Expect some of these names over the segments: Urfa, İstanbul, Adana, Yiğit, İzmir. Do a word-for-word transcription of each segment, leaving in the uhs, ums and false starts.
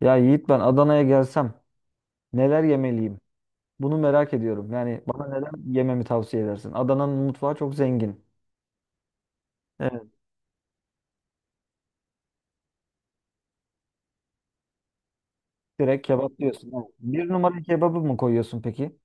Ya Yiğit ben Adana'ya gelsem neler yemeliyim? Bunu merak ediyorum. Yani bana neler yememi tavsiye edersin? Adana'nın mutfağı çok zengin. Evet. Direkt kebap diyorsun. Evet. Bir numara kebabı mı koyuyorsun peki?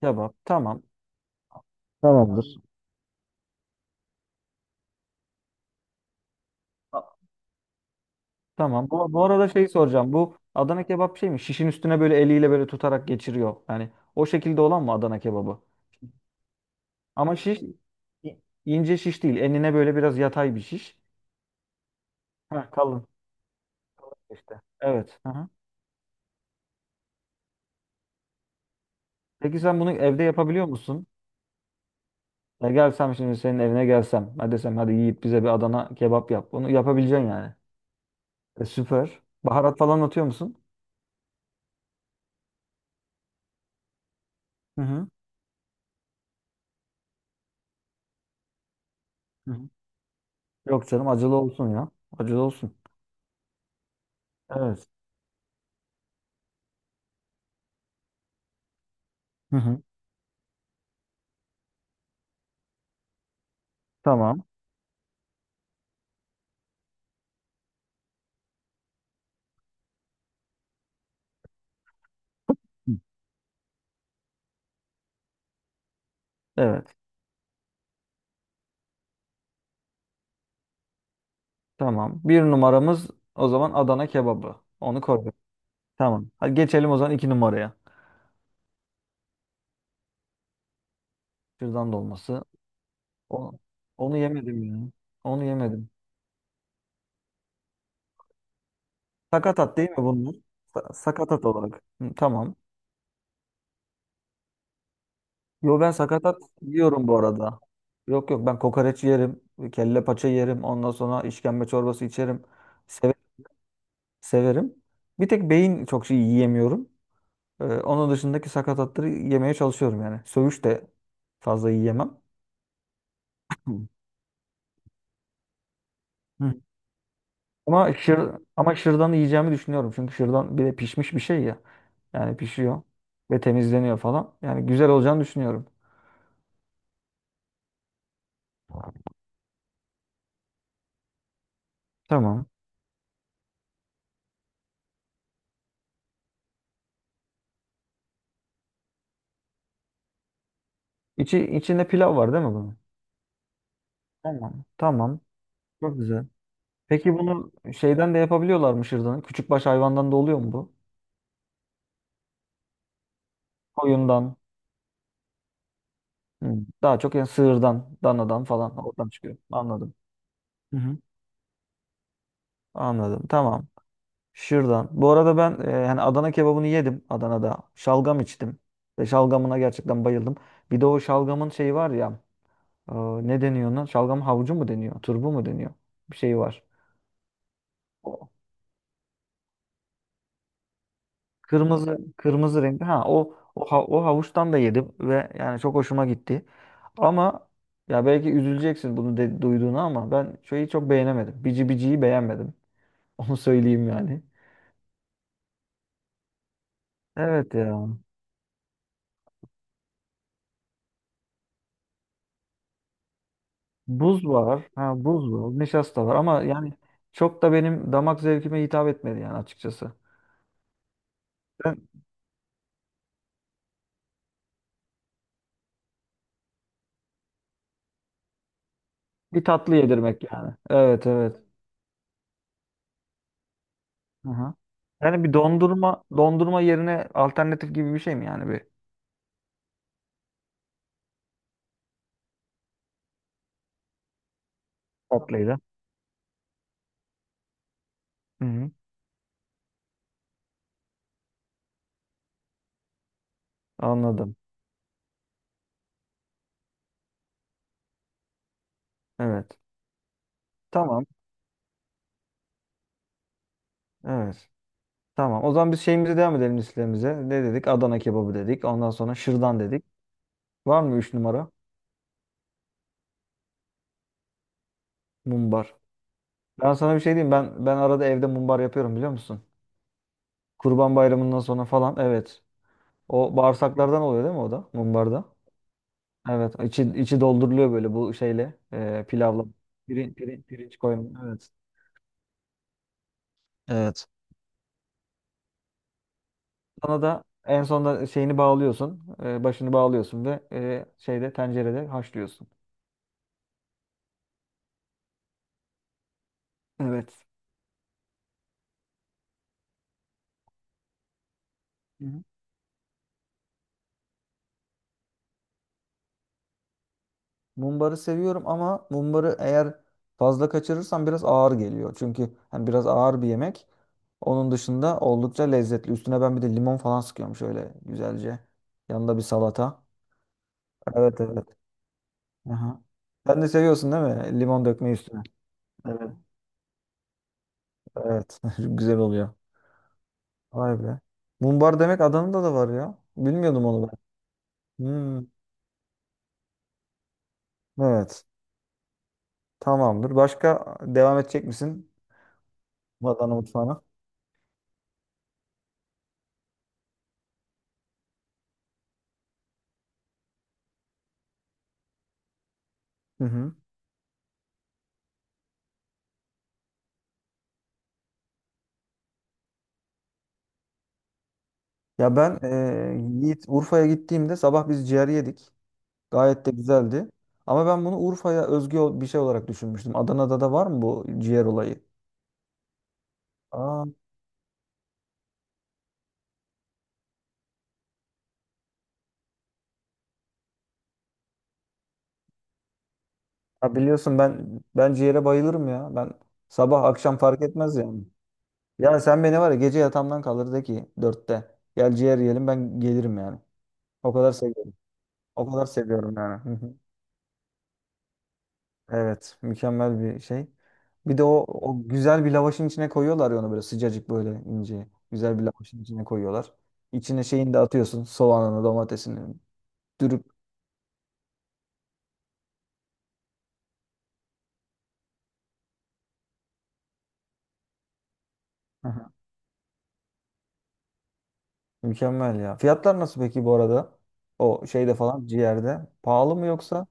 Kebap. Tamam. Tamamdır. Ta- Tamam. Bu, bu arada şey soracağım. Bu Adana kebap şey mi? Şişin üstüne böyle eliyle böyle tutarak geçiriyor. Yani o şekilde olan mı Adana kebabı? Ama şiş i- ince şiş değil. Enine böyle biraz yatay bir şiş. Heh, kalın. Kalın işte. Evet. Hı hı. Peki sen bunu evde yapabiliyor musun? Ya gelsem şimdi senin evine gelsem. Hadi desem hadi Yiğit bize bir Adana kebap yap. Bunu yapabileceksin yani. E, süper. Baharat falan atıyor musun? Hı hı. Hı hı. Yok canım acılı olsun ya. Acılı olsun. Evet. Hı hı. Tamam. Hı. Evet. Tamam. Bir numaramız o zaman Adana kebabı. Onu koyduk. Tamam. Hadi geçelim o zaman iki numaraya. Şırdan dolması. O, Onu yemedim ya. Onu yemedim. Sakatat değil mi bunlar? Sa- sakatat olarak. Hı, tamam. Yo ben sakatat yiyorum bu arada. Yok yok ben kokoreç yerim, kelle paça yerim, ondan sonra işkembe çorbası içerim. Seve- Severim. Bir tek beyin çok şey yiyemiyorum. Ee, onun dışındaki sakatatları yemeye çalışıyorum yani. Söğüş de fazla yiyemem. Hı. Hı. Ama şır ama şırdanı yiyeceğimi düşünüyorum. Çünkü şırdan bir de pişmiş bir şey ya. Yani pişiyor ve temizleniyor falan. Yani güzel olacağını düşünüyorum. Tamam. İçi, içinde pilav var değil mi bunun? Tamam. Tamam. Çok güzel. Peki bunu şeyden de yapabiliyorlar mı şırdanı? Küçükbaş hayvandan da oluyor mu bu? Koyundan. Hı. Daha çok yani sığırdan, danadan falan oradan çıkıyor. Anladım. Hı hı. Anladım. Tamam. Şırdan. Bu arada ben e, yani Adana kebabını yedim Adana'da. Şalgam içtim. Ve şalgamına gerçekten bayıldım. Bir de o şalgamın şeyi var ya. e, Ne deniyor ona? Şalgam havucu mu deniyor? Turbu mu deniyor? Bir şey var. Kırmızı kırmızı renkli. Ha, o o, ha- o havuçtan da yedim ve yani çok hoşuma gitti. Ama ya belki üzüleceksin bunu de, duyduğuna ama ben şeyi çok beğenemedim. Bici biciyi beğenmedim. Onu söyleyeyim yani. Evet ya. Buz var. Ha, buz var. Nişasta var ama yani çok da benim damak zevkime hitap etmedi yani açıkçası. Ben bir tatlı yedirmek yani. Evet evet. Aha. Yani bir dondurma dondurma yerine alternatif gibi bir şey mi yani bir tatlıyla? Hı hı. Anladım. Evet. Tamam. Evet. Tamam. O zaman biz şeyimize devam edelim listemize. Ne dedik? Adana kebabı dedik. Ondan sonra şırdan dedik. Var mı üç numara? Mumbar. Ben sana bir şey diyeyim. Ben ben arada evde mumbar yapıyorum biliyor musun? Kurban Bayramı'ndan sonra falan. Evet. O bağırsaklardan oluyor değil mi o da? Mumbarda. Evet. İçi, içi dolduruluyor böyle bu şeyle. E, pilavla. Pirin, pirin, pirinç koyun. Evet. Evet. Sana da en sonunda şeyini bağlıyorsun. E, başını bağlıyorsun ve e, şeyde tencerede haşlıyorsun. Evet. Hı hı. Mumbarı seviyorum ama mumbarı eğer fazla kaçırırsam biraz ağır geliyor. Çünkü hani biraz ağır bir yemek. Onun dışında oldukça lezzetli. Üstüne ben bir de limon falan sıkıyorum şöyle güzelce. Yanında bir salata. Evet evet. Aha. Sen de seviyorsun değil mi? Limon dökmeyi üstüne. Evet. Evet. Güzel oluyor. Vay be. Mumbar demek Adana'da da var ya. Bilmiyordum onu ben. Hmm. Evet. Tamamdır. Başka devam edecek misin? Adana mutfağına. Hı hı. Ya ben eee, Yiğit Urfa'ya gittiğimde sabah biz ciğer yedik. Gayet de güzeldi. Ama ben bunu Urfa'ya özgü ol- bir şey olarak düşünmüştüm. Adana'da da var mı bu ciğer olayı? Aa, ya biliyorsun ben ben ciğere bayılırım ya. Ben sabah akşam fark etmez yani. Ya sen beni var ya gece yatağımdan kaldır de ki dörtte. Gel ciğer yiyelim ben gelirim yani. O kadar seviyorum. O kadar seviyorum yani. Evet, mükemmel bir şey. Bir de o, o güzel bir lavaşın içine koyuyorlar ya onu böyle sıcacık böyle ince. Güzel bir lavaşın içine koyuyorlar. İçine şeyini de atıyorsun. Soğanını, domatesini dürüp. Hı hı. Mükemmel ya. Fiyatlar nasıl peki bu arada? O şeyde falan ciğerde. Pahalı mı yoksa?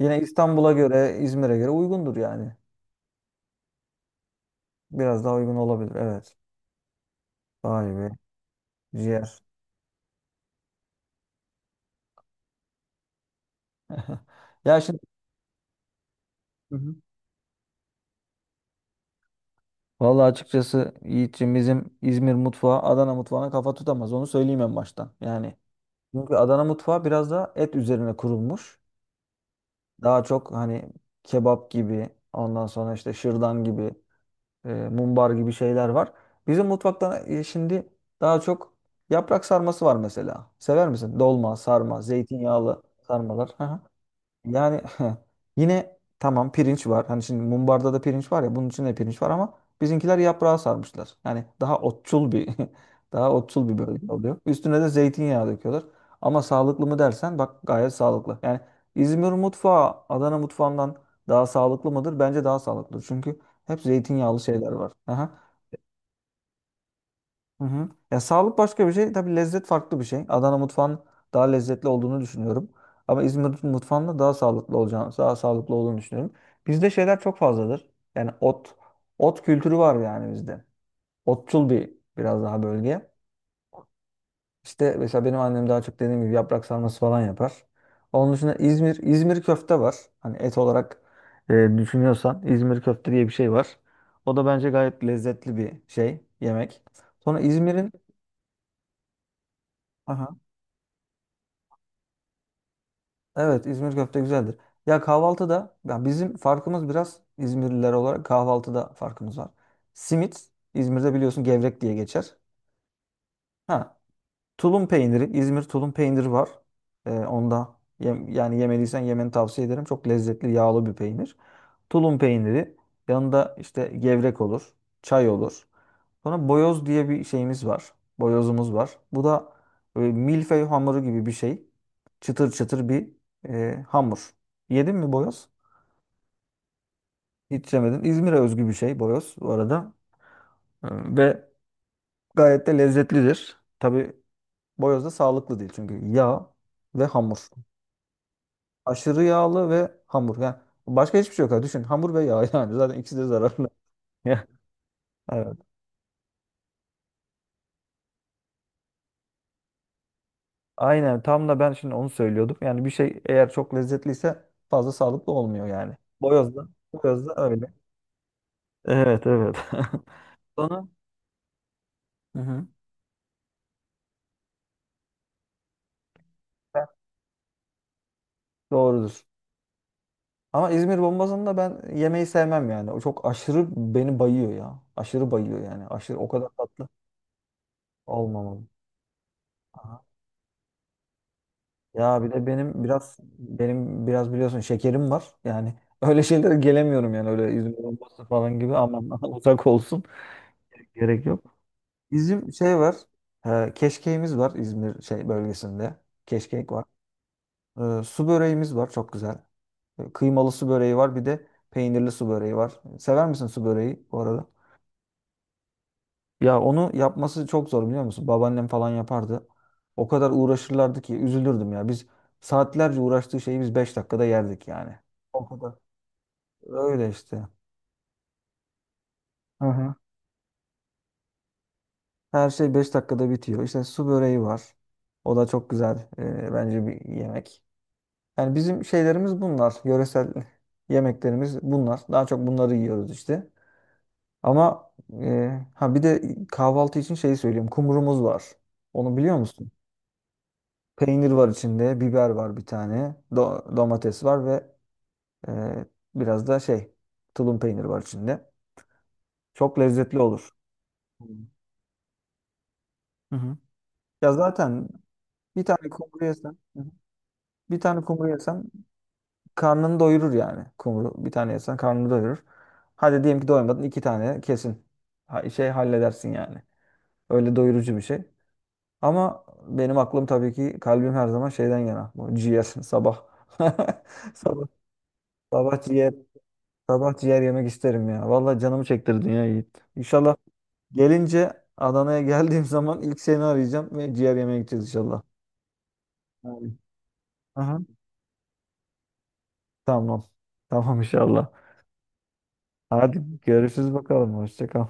Yine İstanbul'a göre, İzmir'e göre uygundur yani. Biraz daha uygun olabilir. Evet. Vay be. Ciğer. Ya şimdi. Hı hı. Vallahi açıkçası Yiğit'ciğim bizim İzmir mutfağı Adana mutfağına kafa tutamaz. Onu söyleyeyim en baştan. Yani çünkü Adana mutfağı biraz daha et üzerine kurulmuş. Daha çok hani kebap gibi, ondan sonra işte şırdan gibi, e, mumbar gibi şeyler var. Bizim mutfakta e, şimdi daha çok yaprak sarması var mesela. Sever misin? Dolma, sarma, zeytinyağlı sarmalar. Hı hı. Yani yine tamam pirinç var. Hani şimdi mumbarda da pirinç var ya bunun içinde de pirinç var ama bizimkiler yaprağa sarmışlar. Yani daha otçul bir daha otçul bir bölge oluyor. Üstüne de zeytinyağı döküyorlar. Ama sağlıklı mı dersen bak gayet sağlıklı. Yani İzmir mutfağı Adana mutfağından daha sağlıklı mıdır? Bence daha sağlıklı. Çünkü hep zeytinyağlı şeyler var. Aha. Hı hı. Ya sağlık başka bir şey. Tabii lezzet farklı bir şey. Adana mutfağın daha lezzetli olduğunu düşünüyorum. Ama İzmir mutfağının da daha sağlıklı olacağını, daha sağlıklı olduğunu düşünüyorum. Bizde şeyler çok fazladır. Yani ot, ot kültürü var yani bizde. Otçul bir biraz daha bölge. İşte mesela benim annem daha çok dediğim gibi yaprak sarması falan yapar. Onun dışında İzmir, İzmir köfte var. Hani et olarak e, düşünüyorsan İzmir köfte diye bir şey var. O da bence gayet lezzetli bir şey, yemek. Sonra İzmir'in. Aha. Evet İzmir köfte güzeldir. Ya kahvaltıda ya bizim farkımız biraz İzmirliler olarak kahvaltıda farkımız var. Simit İzmir'de biliyorsun gevrek diye geçer. Ha, tulum peyniri İzmir tulum peyniri var. Ee, onda yem- yani yemeliysen yemeni tavsiye ederim. Çok lezzetli yağlı bir peynir. Tulum peyniri yanında işte gevrek olur, çay olur. Sonra boyoz diye bir şeyimiz var. Boyozumuz var. Bu da e, milföy hamuru gibi bir şey. Çıtır çıtır bir e, hamur. Yedin mi boyoz? Hiç yemedin. İzmir'e özgü bir şey boyoz bu arada. E, Ve gayet de lezzetlidir. Tabii boyoz da sağlıklı değil çünkü yağ ve hamur. Aşırı yağlı ve hamur. Yani başka hiçbir şey yok. Düşün hamur ve yağ yani zaten ikisi de zararlı. Evet. Aynen tam da ben şimdi onu söylüyordum. Yani bir şey eğer çok lezzetliyse fazla sağlıklı olmuyor yani. Boyoz da, boyoz da öyle. Evet evet. Sonra. Hı hı. Ben- Doğrudur. Ama İzmir bombasını da ben yemeyi sevmem yani. O çok aşırı beni bayıyor ya. Aşırı bayıyor yani. Aşırı o kadar tatlı olmamalı. Aha. Ya bir de benim biraz benim biraz biliyorsun şekerim var. Yani öyle şeylere gelemiyorum yani öyle İzmir bombası falan gibi aman uzak olsun. Gerek yok. Bizim şey var. E, keşkeğimiz var İzmir şey bölgesinde. Keşkek var. E, su böreğimiz var çok güzel. E, kıymalı su böreği var bir de peynirli su böreği var. Sever misin su böreği bu arada? Ya onu yapması çok zor biliyor musun? Babaannem falan yapardı. O kadar uğraşırlardı ki üzülürdüm ya. Biz saatlerce uğraştığı şeyi biz beş dakikada yerdik yani. O kadar. Öyle işte. Hı hı. Her şey beş dakikada bitiyor. İşte su böreği var. O da çok güzel e, bence bir yemek. Yani bizim şeylerimiz bunlar. Yöresel yemeklerimiz bunlar. Daha çok bunları yiyoruz işte. Ama e, ha bir de kahvaltı için şeyi söyleyeyim. Kumrumuz var. Onu biliyor musun? Peynir var içinde, biber var bir tane, do- domates var ve e, biraz da şey tulum peyniri var içinde. Çok lezzetli olur. Hmm. Hı hı. Ya zaten bir tane kumru yesen. Hı hı. Bir tane kumru yesen karnını doyurur yani kumru. Bir tane yesen karnını doyurur. Hadi diyelim ki doymadın iki tane kesin. Ha- Şey halledersin yani. Öyle doyurucu bir şey. Ama benim aklım tabii ki kalbim her zaman şeyden yana. Bu ciğer sabah. Sabah, sabah ciğer. Sabah ciğer yemek isterim ya. Vallahi canımı çektirdin ya Yiğit. İnşallah gelince Adana'ya geldiğim zaman ilk seni arayacağım ve ciğer yemeye gideceğiz inşallah. Aynen. Aha. Tamam. Tamam inşallah. Hadi görüşürüz bakalım. Hoşça kal.